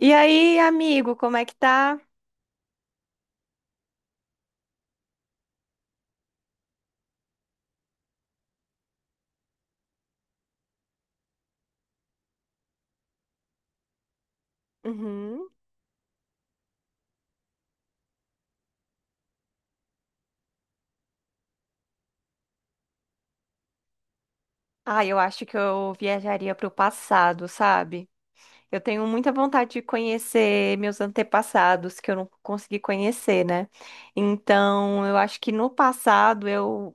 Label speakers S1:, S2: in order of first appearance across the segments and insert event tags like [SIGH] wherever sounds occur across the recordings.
S1: E aí, amigo, como é que tá? Uhum. Ah, eu acho que eu viajaria pro passado, sabe? Eu tenho muita vontade de conhecer meus antepassados que eu não consegui conhecer, né? Então, eu acho que no passado eu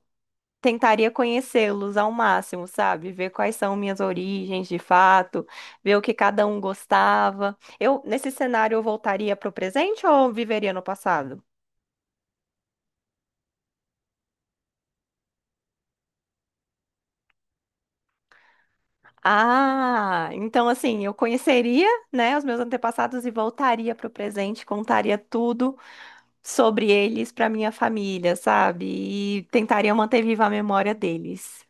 S1: tentaria conhecê-los ao máximo, sabe? Ver quais são minhas origens de fato, ver o que cada um gostava. Eu, nesse cenário, eu voltaria pro presente ou viveria no passado? Ah, então assim, eu conheceria, né, os meus antepassados e voltaria para o presente, contaria tudo sobre eles para minha família, sabe? E tentaria manter viva a memória deles.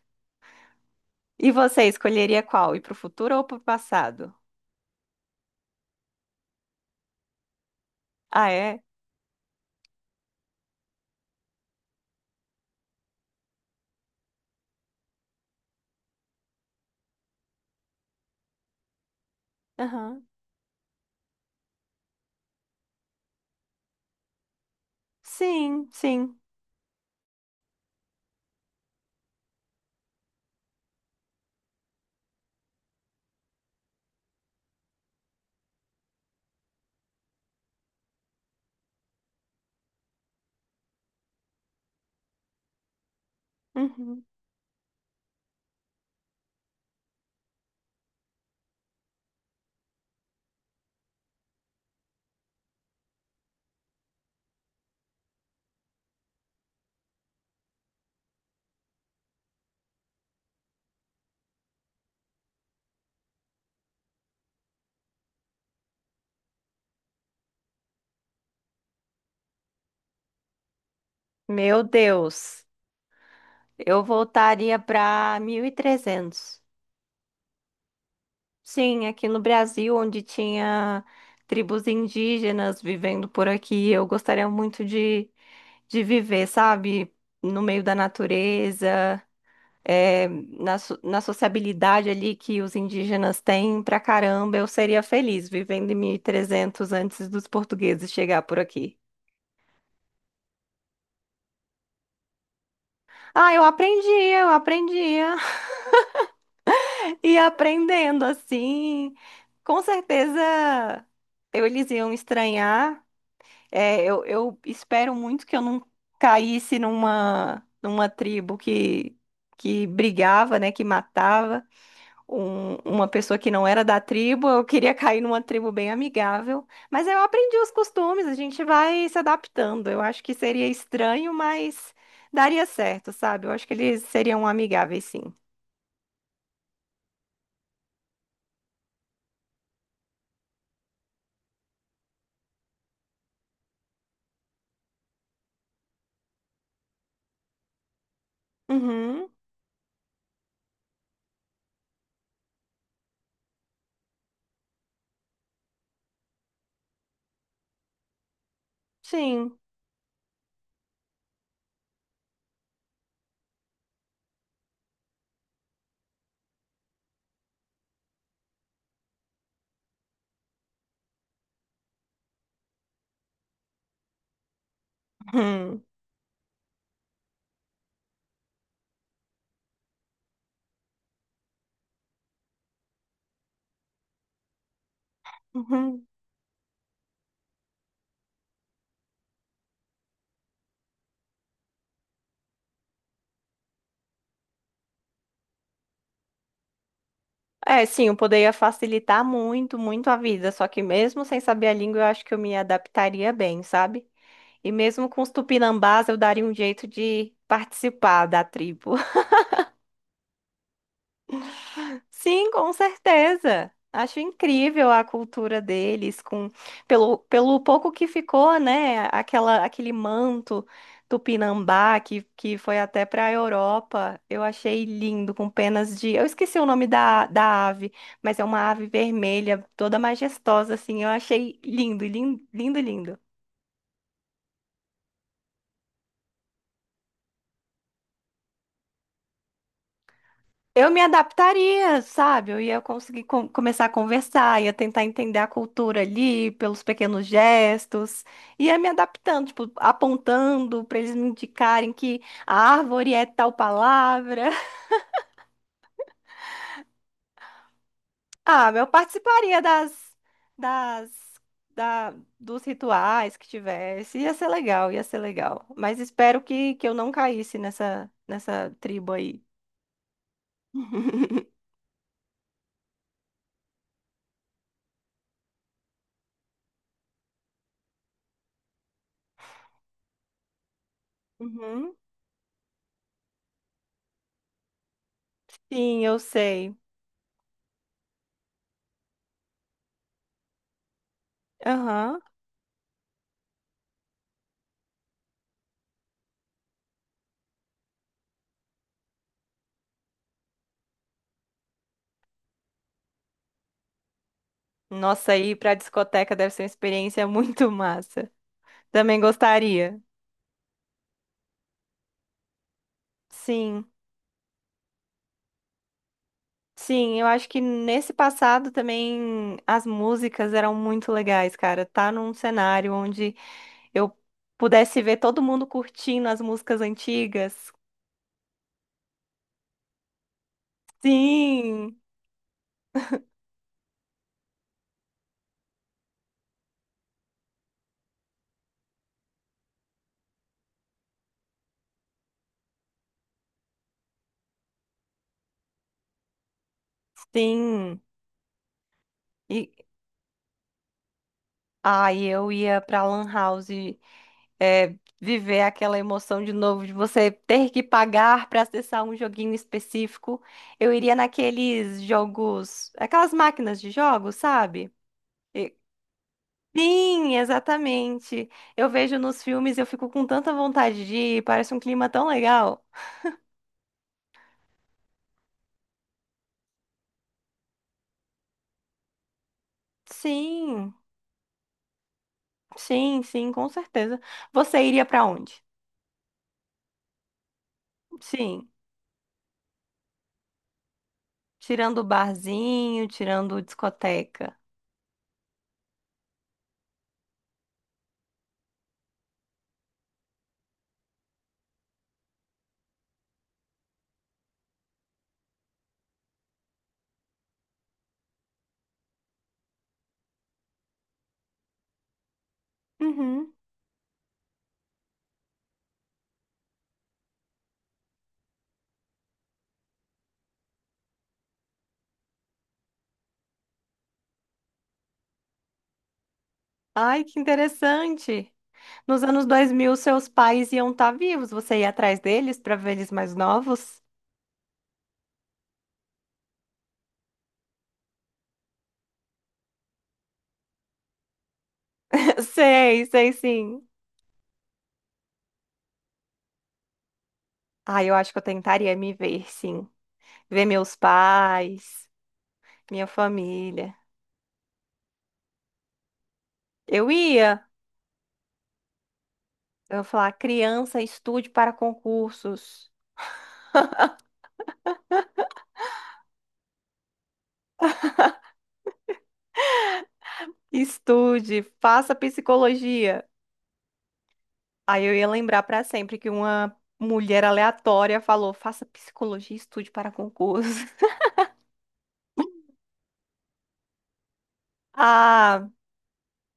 S1: E você escolheria qual? Ir para o futuro ou para o passado? Ah, é? Aham. Sim, sim. Uhum. Meu Deus, eu voltaria para 1300. Sim, aqui no Brasil, onde tinha tribos indígenas vivendo por aqui, eu gostaria muito de viver, sabe? No meio da natureza, é, na, na sociabilidade ali que os indígenas têm pra caramba, eu seria feliz vivendo em 1300 antes dos portugueses chegar por aqui. Ah, eu aprendia [LAUGHS] e aprendendo assim, com certeza eu, eles iam estranhar. É, eu espero muito que eu não caísse numa, numa tribo que brigava, né, que matava uma pessoa que não era da tribo. Eu queria cair numa tribo bem amigável, mas eu aprendi os costumes, a gente vai se adaptando. Eu acho que seria estranho, mas daria certo, sabe? Eu acho que eles seriam amigáveis, sim. Uhum, sim. Uhum, uhum. É, sim, eu poderia facilitar muito, muito a vida, só que mesmo sem saber a língua, eu acho que eu me adaptaria bem, sabe? E mesmo com os tupinambás, eu daria um jeito de participar da tribo. Sim, com certeza. Acho incrível a cultura deles, com pelo, pelo pouco que ficou, né? Aquela, aquele manto tupinambá que foi até para a Europa. Eu achei lindo, com penas de. Eu esqueci o nome da, da ave, mas é uma ave vermelha, toda majestosa, assim. Eu achei lindo, lindo, lindo, lindo. Eu me adaptaria, sabe? Eu ia conseguir começar a conversar, ia tentar entender a cultura ali pelos pequenos gestos, ia me adaptando, tipo, apontando para eles me indicarem que a árvore é tal palavra. [LAUGHS] Ah, eu participaria das, das, da, dos rituais que tivesse. Ia ser legal, ia ser legal. Mas espero que eu não caísse nessa, nessa tribo aí. [LAUGHS] Uhum. Sim, eu sei. Aham. Nossa, ir pra discoteca deve ser uma experiência muito [LAUGHS] massa. Também gostaria. Sim, sim, eu acho que nesse passado também as músicas eram muito legais, cara. Tá num cenário onde eu pudesse ver todo mundo curtindo as músicas antigas. Sim, sim. E ai, eu ia pra Lan House é, viver aquela emoção de novo, de você ter que pagar para acessar um joguinho específico. Eu iria naqueles jogos, aquelas máquinas de jogos, sabe? E- Sim, exatamente. Eu vejo nos filmes, eu fico com tanta vontade de ir, parece um clima tão legal. Sim, sim, sim, com certeza. Você iria para onde? Sim, tirando o barzinho, tirando discoteca. Uhum. Ai, que interessante. Nos anos 2000, seus pais iam estar vivos. Você ia atrás deles para ver eles mais novos? [LAUGHS] Sei, sei sim. Ah, eu acho que eu tentaria me ver, sim. Ver meus pais, minha família. Eu ia. Eu ia falar, criança, estude para concursos. Estude, faça psicologia. Aí eu ia lembrar para sempre que uma mulher aleatória falou, faça psicologia, e estude para concursos. [LAUGHS] Ah,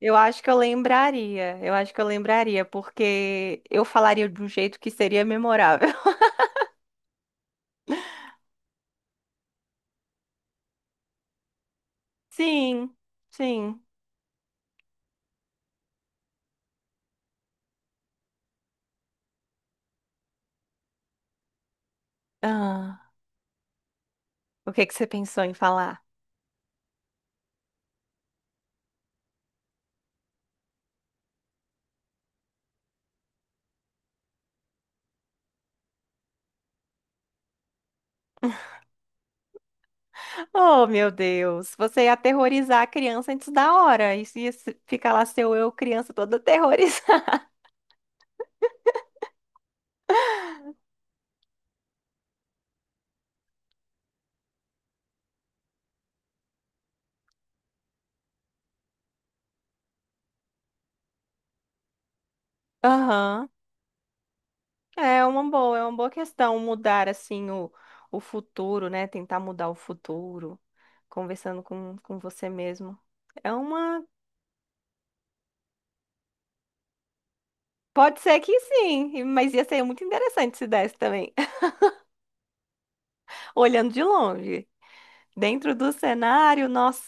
S1: eu acho que eu lembraria. Eu acho que eu lembraria, porque eu falaria de um jeito que seria memorável. [LAUGHS] Sim, sim. Ah, o que que você pensou em falar? Oh, meu Deus, você ia aterrorizar a criança antes da hora. Isso ia ficar lá seu eu, criança, toda aterrorizada. [LAUGHS] Aham. É uma boa questão mudar assim o futuro, né? Tentar mudar o futuro, conversando com você mesmo. É uma Pode ser que sim, mas ia ser muito interessante se desse também, [LAUGHS] olhando de longe. Dentro do cenário, nossa,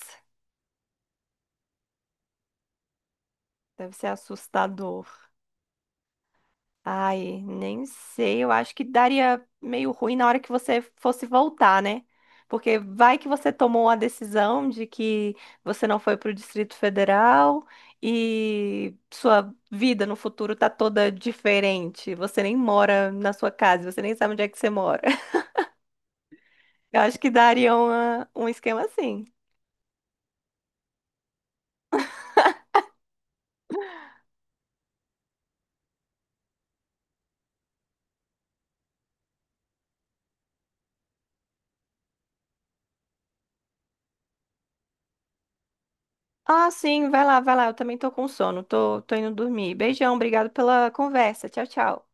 S1: deve ser assustador. Ai, nem sei, eu acho que daria meio ruim na hora que você fosse voltar, né? Porque vai que você tomou a decisão de que você não foi para o Distrito Federal e sua vida no futuro tá toda diferente. Você nem mora na sua casa, você nem sabe onde é que você mora. [LAUGHS] Eu acho que daria um esquema assim. Ah, sim, vai lá, vai lá. Eu também tô com sono. Tô, tô indo dormir. Beijão, obrigado pela conversa. Tchau, tchau.